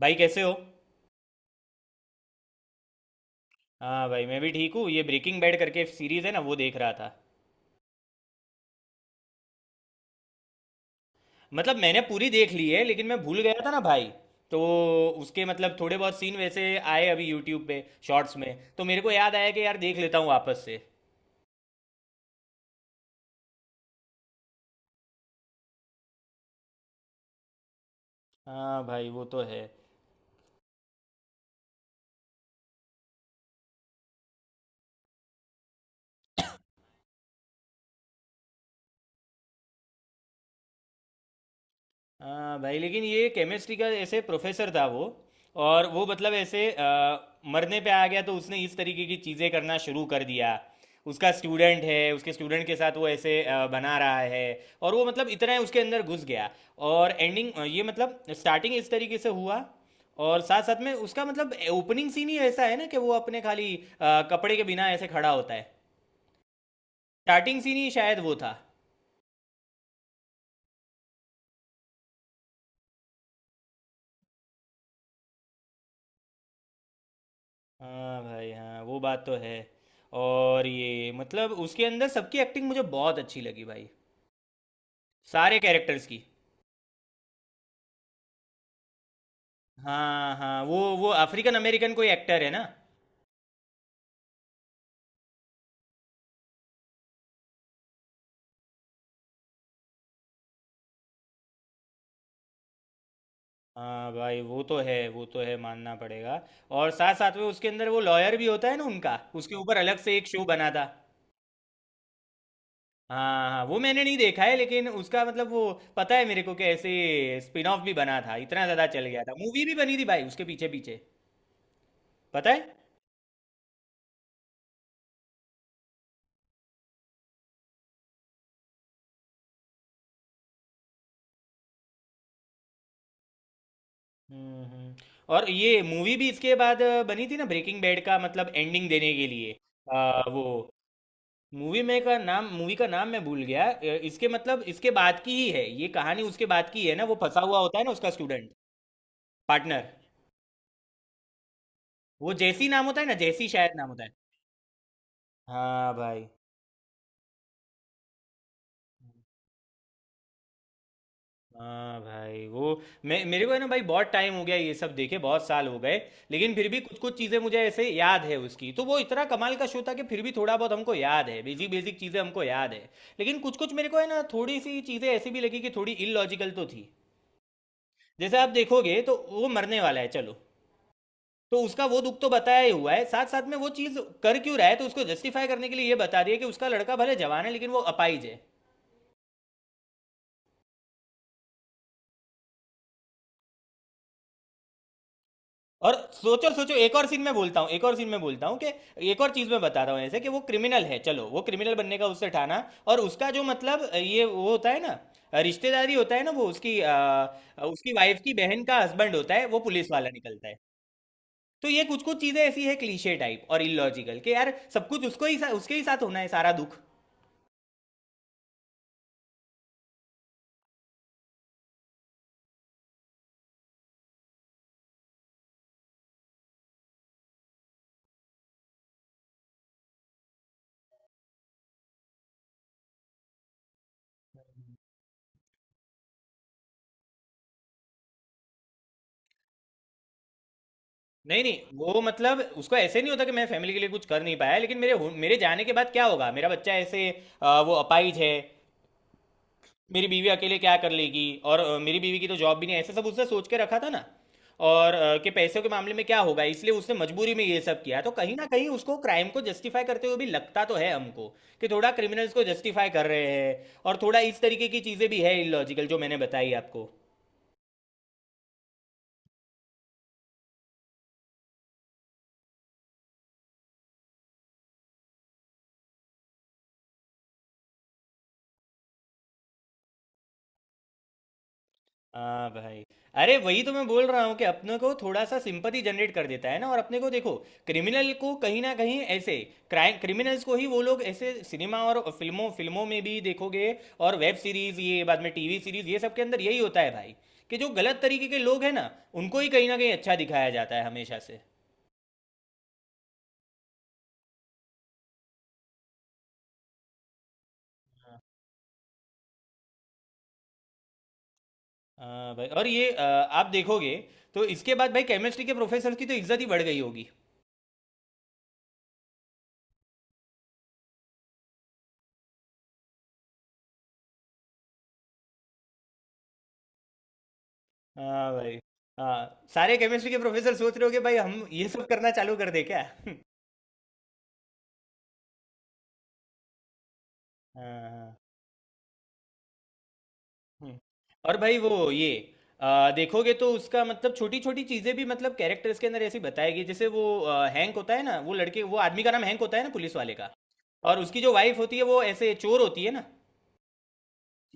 भाई, कैसे हो। हाँ भाई, मैं भी ठीक हूँ। ये ब्रेकिंग बैड करके सीरीज है ना, वो देख रहा था। मतलब मैंने पूरी देख ली है, लेकिन मैं भूल गया था ना भाई। तो उसके मतलब थोड़े बहुत सीन वैसे आए अभी यूट्यूब पे शॉर्ट्स में। तो मेरे को याद आया कि यार देख लेता हूँ वापस से। हाँ भाई, वो तो है। हाँ भाई, लेकिन ये केमिस्ट्री का ऐसे प्रोफेसर था वो। और वो मतलब ऐसे मरने पे आ गया, तो उसने इस तरीके की चीज़ें करना शुरू कर दिया। उसका स्टूडेंट है, उसके स्टूडेंट के साथ वो ऐसे बना रहा है, और वो मतलब इतना है उसके अंदर घुस गया। और एंडिंग ये मतलब स्टार्टिंग इस तरीके से हुआ। और साथ साथ में उसका मतलब ओपनिंग सीन ही ऐसा है ना, कि वो अपने खाली कपड़े के बिना ऐसे खड़ा होता है। स्टार्टिंग सीन ही शायद वो था। हाँ भाई, हाँ वो बात तो है। और ये मतलब उसके अंदर सबकी एक्टिंग मुझे बहुत अच्छी लगी भाई, सारे कैरेक्टर्स की। हाँ हाँ, वो अफ्रीकन अमेरिकन कोई एक्टर है ना। हाँ भाई, वो तो है, वो तो है, मानना पड़ेगा। और साथ साथ में उसके अंदर वो लॉयर भी होता है ना, उनका उसके ऊपर अलग से एक शो बना था। हाँ हाँ, वो मैंने नहीं देखा है, लेकिन उसका मतलब वो, पता है मेरे को कि ऐसे स्पिन ऑफ भी बना था, इतना ज़्यादा चल गया था, मूवी भी बनी थी भाई उसके पीछे पीछे, पता है। हम्म, और ये मूवी भी इसके बाद बनी थी ना, ब्रेकिंग बैड का मतलब एंडिंग देने के लिए। वो मूवी का नाम मैं भूल गया। इसके मतलब इसके बाद की ही है ये कहानी, उसके बाद की है ना। वो फंसा हुआ होता है ना उसका स्टूडेंट पार्टनर। वो जैसी नाम होता है ना, जैसी शायद नाम होता है। हाँ भाई। हाँ भाई, वो मैं, मेरे को है ना भाई, बहुत टाइम हो गया ये सब देखे, बहुत साल हो गए। लेकिन फिर भी कुछ कुछ चीज़ें मुझे ऐसे याद है उसकी, तो वो इतना कमाल का शो था कि फिर भी थोड़ा बहुत हमको याद है, बेसिक बेसिक चीज़ें हमको याद है। लेकिन कुछ कुछ मेरे को है ना, थोड़ी सी चीज़ें ऐसी भी लगी कि थोड़ी इलॉजिकल तो थी। जैसे आप देखोगे तो वो मरने वाला है, चलो, तो उसका वो दुख तो बताया ही हुआ है। साथ साथ में वो चीज़ कर क्यों रहा है, तो उसको जस्टिफाई करने के लिए ये बता दिया कि उसका लड़का भले जवान है लेकिन वो अपाहिज है। और सोचो सोचो, एक और सीन में बोलता हूँ, कि एक और चीज़ मैं बता रहा हूँ ऐसे, कि वो क्रिमिनल है, चलो, वो क्रिमिनल बनने का उससे ठाना। और उसका जो मतलब ये वो होता है ना, रिश्तेदारी होता है ना, वो उसकी उसकी वाइफ की बहन का हस्बैंड होता है, वो पुलिस वाला निकलता है। तो ये कुछ कुछ चीज़ें ऐसी है, क्लीशे टाइप और इलॉजिकल, कि यार सब कुछ उसके ही साथ होना है, सारा दुख। नहीं नहीं, वो मतलब उसको ऐसे नहीं होता कि मैं फैमिली के लिए कुछ कर नहीं पाया, लेकिन मेरे जाने के बाद क्या होगा, मेरा बच्चा ऐसे वो अपाहिज है, मेरी बीवी अकेले क्या कर लेगी, और मेरी बीवी की तो जॉब भी नहीं है, ऐसा सब उसने सोच के रखा था ना। और कि पैसों के मामले में क्या होगा, इसलिए उसने मजबूरी में ये सब किया। तो कहीं ना कहीं उसको, क्राइम को जस्टिफाई करते हुए भी लगता तो है हमको, कि थोड़ा क्रिमिनल्स को जस्टिफाई कर रहे हैं, और थोड़ा इस तरीके की चीज़ें भी है इलॉजिकल, जो मैंने बताई आपको। हाँ भाई। अरे, वही तो मैं बोल रहा हूँ कि अपने को थोड़ा सा सिंपथी जनरेट कर देता है ना, और अपने को देखो, क्रिमिनल को कहीं ना कहीं ऐसे, क्राइम, क्रिमिनल्स को ही वो लोग ऐसे सिनेमा और फिल्मों फिल्मों में भी देखोगे। और वेब सीरीज ये, बाद में टीवी सीरीज, ये सब के अंदर यही होता है भाई, कि जो गलत तरीके के लोग हैं ना, उनको ही कहीं ना कहीं अच्छा दिखाया जाता है हमेशा से। हाँ भाई, और ये आप देखोगे, तो इसके बाद भाई केमिस्ट्री के प्रोफेसर की तो इज्जत ही बढ़ गई होगी। हाँ भाई। हाँ, सारे केमिस्ट्री के प्रोफेसर सोच रहे हो कि भाई हम ये सब करना चालू कर दे क्या? हाँ। हम्म। और भाई वो ये देखोगे, तो उसका मतलब छोटी छोटी चीजें भी, मतलब कैरेक्टर्स के अंदर ऐसी बताएगी। जैसे वो हैंक होता है ना, वो लड़के, वो आदमी का नाम हैंक होता है ना, पुलिस वाले का। और उसकी जो वाइफ होती है वो ऐसे चोर होती है ना,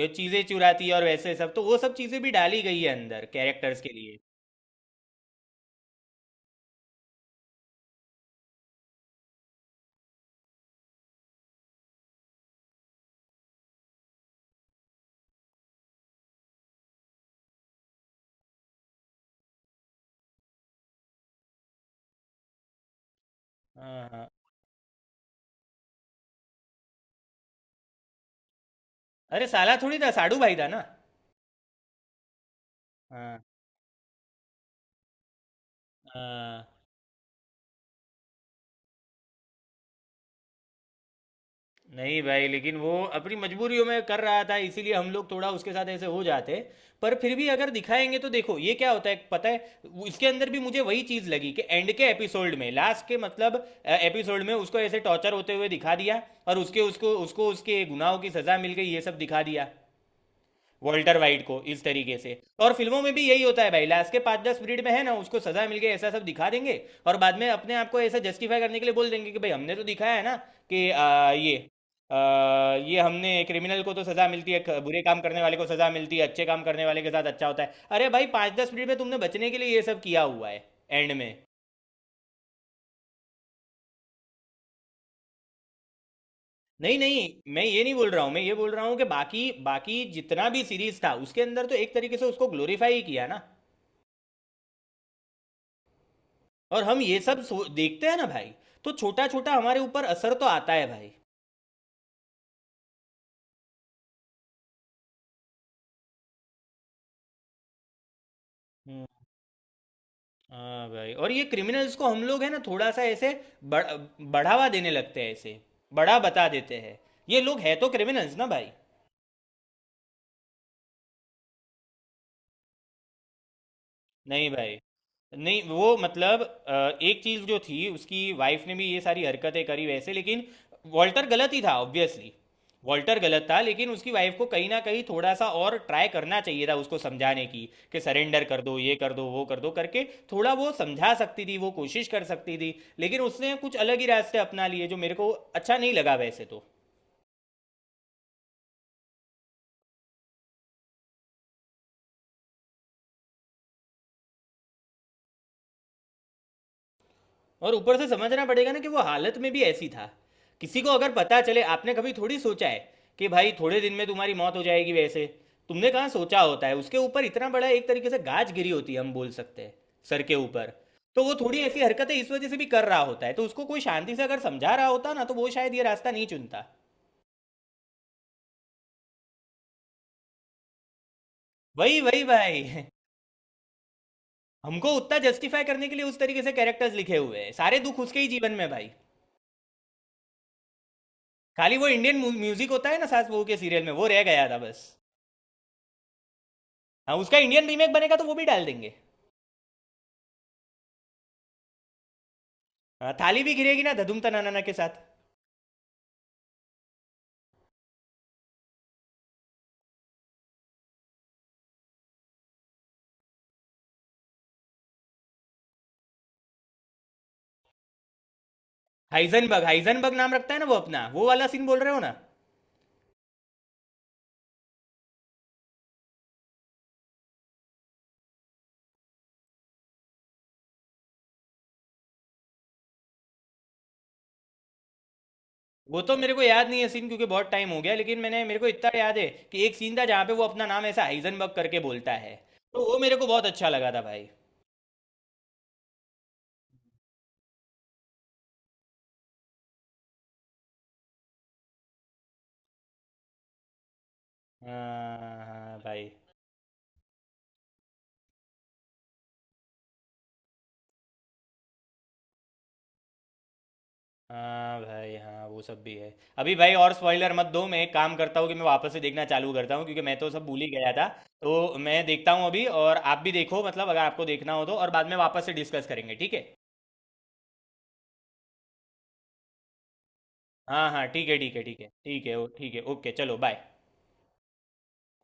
ये चीजें चुराती है, और वैसे सब, तो वो सब चीजें भी डाली गई है अंदर कैरेक्टर्स के लिए। हाँ हाँ। अरे साला थोड़ी था, साडू भाई था ना। हाँ हाँ। नहीं भाई, लेकिन वो अपनी मजबूरियों में कर रहा था, इसीलिए हम लोग थोड़ा उसके साथ ऐसे हो जाते। पर फिर भी अगर दिखाएंगे तो देखो ये क्या होता है, पता है, इसके अंदर भी मुझे वही चीज लगी कि एंड के एपिसोड में, लास्ट के मतलब एपिसोड में उसको ऐसे टॉर्चर होते हुए दिखा दिया, और उसके उसको उसको उसके गुनाहों की सजा मिल गई, ये सब दिखा दिया, वॉल्टर वाइट को इस तरीके से। और फिल्मों में भी यही होता है भाई, लास्ट के 5-10 मिनट में है ना, उसको सजा मिल गई, ऐसा सब दिखा देंगे। और बाद में अपने आप को ऐसा जस्टिफाई करने के लिए बोल देंगे कि भाई हमने तो दिखाया है ना, कि ये हमने, क्रिमिनल को तो सजा मिलती है, बुरे काम करने वाले को सजा मिलती है, अच्छे काम करने वाले के साथ अच्छा होता है। अरे भाई, 5-10 मिनट में तुमने बचने के लिए ये सब किया हुआ है एंड में। नहीं नहीं, मैं ये नहीं बोल रहा हूँ, मैं ये बोल रहा हूँ कि बाकी, बाकी जितना भी सीरीज था उसके अंदर, तो एक तरीके से उसको ग्लोरीफाई ही किया ना। और हम ये सब देखते हैं ना भाई, तो छोटा छोटा हमारे ऊपर असर तो आता है भाई। हम्म। हाँ भाई, और ये क्रिमिनल्स को हम लोग है ना थोड़ा सा ऐसे बढ़, बढ़ावा देने लगते हैं, ऐसे बड़ा बता देते हैं। ये लोग है तो क्रिमिनल्स ना भाई। नहीं भाई। नहीं वो मतलब एक चीज जो थी, उसकी वाइफ ने भी ये सारी हरकतें करी वैसे, लेकिन वॉल्टर गलत ही था ऑब्वियसली। वॉल्टर गलत था, लेकिन उसकी वाइफ को कहीं ना कहीं थोड़ा सा और ट्राई करना चाहिए था उसको समझाने की, कि सरेंडर कर दो, ये कर दो, वो कर दो करके। थोड़ा वो समझा सकती थी, वो कोशिश कर सकती थी, लेकिन उसने कुछ अलग ही रास्ते अपना लिए, जो मेरे को अच्छा नहीं लगा वैसे तो। और ऊपर से समझना पड़ेगा ना, कि वो हालत में भी ऐसी था, किसी को अगर पता चले, आपने कभी थोड़ी सोचा है कि भाई थोड़े दिन में तुम्हारी मौत हो जाएगी वैसे। तुमने कहाँ सोचा होता है, उसके ऊपर इतना बड़ा एक तरीके से गाज गिरी होती है, हम बोल सकते हैं, सर के ऊपर। तो वो थोड़ी ऐसी हरकतें इस वजह से भी कर रहा होता है, तो उसको कोई शांति से अगर समझा रहा होता ना, तो वो शायद ये रास्ता नहीं चुनता। वही वही भाई। हमको उतना जस्टिफाई करने के लिए उस तरीके से कैरेक्टर्स लिखे हुए हैं, सारे दुख उसके ही जीवन में भाई। खाली वो इंडियन म्यूजिक होता है ना सास बहू के सीरियल में, वो रह गया था बस। हाँ, उसका इंडियन रीमेक बनेगा तो वो भी डाल देंगे। हाँ, थाली भी गिरेगी ना धधुम तनाना के साथ। हाइजनबर्ग, हाइजनबर्ग नाम रखता है ना वो अपना, वो वाला सीन बोल रहे हो ना? वो तो मेरे को याद नहीं है सीन, क्योंकि बहुत टाइम हो गया, लेकिन मैंने, मेरे को इतना याद है कि एक सीन था जहाँ पे वो अपना नाम ऐसा हाइजनबर्ग करके बोलता है। तो वो मेरे को बहुत अच्छा लगा था भाई। हाँ हाँ भाई, हाँ भाई, हाँ वो सब भी है। अभी भाई और स्पॉइलर मत दो, मैं एक काम करता हूँ कि मैं वापस से देखना चालू करता हूँ, क्योंकि मैं तो सब भूल ही गया था। तो मैं देखता हूँ अभी, और आप भी देखो, मतलब अगर आपको देखना हो तो, और बाद में वापस से डिस्कस करेंगे, ठीक है। हाँ हाँ, ठीक है, ठीक है, ठीक है, ठीक है, ठीक है, ओके, चलो बाय।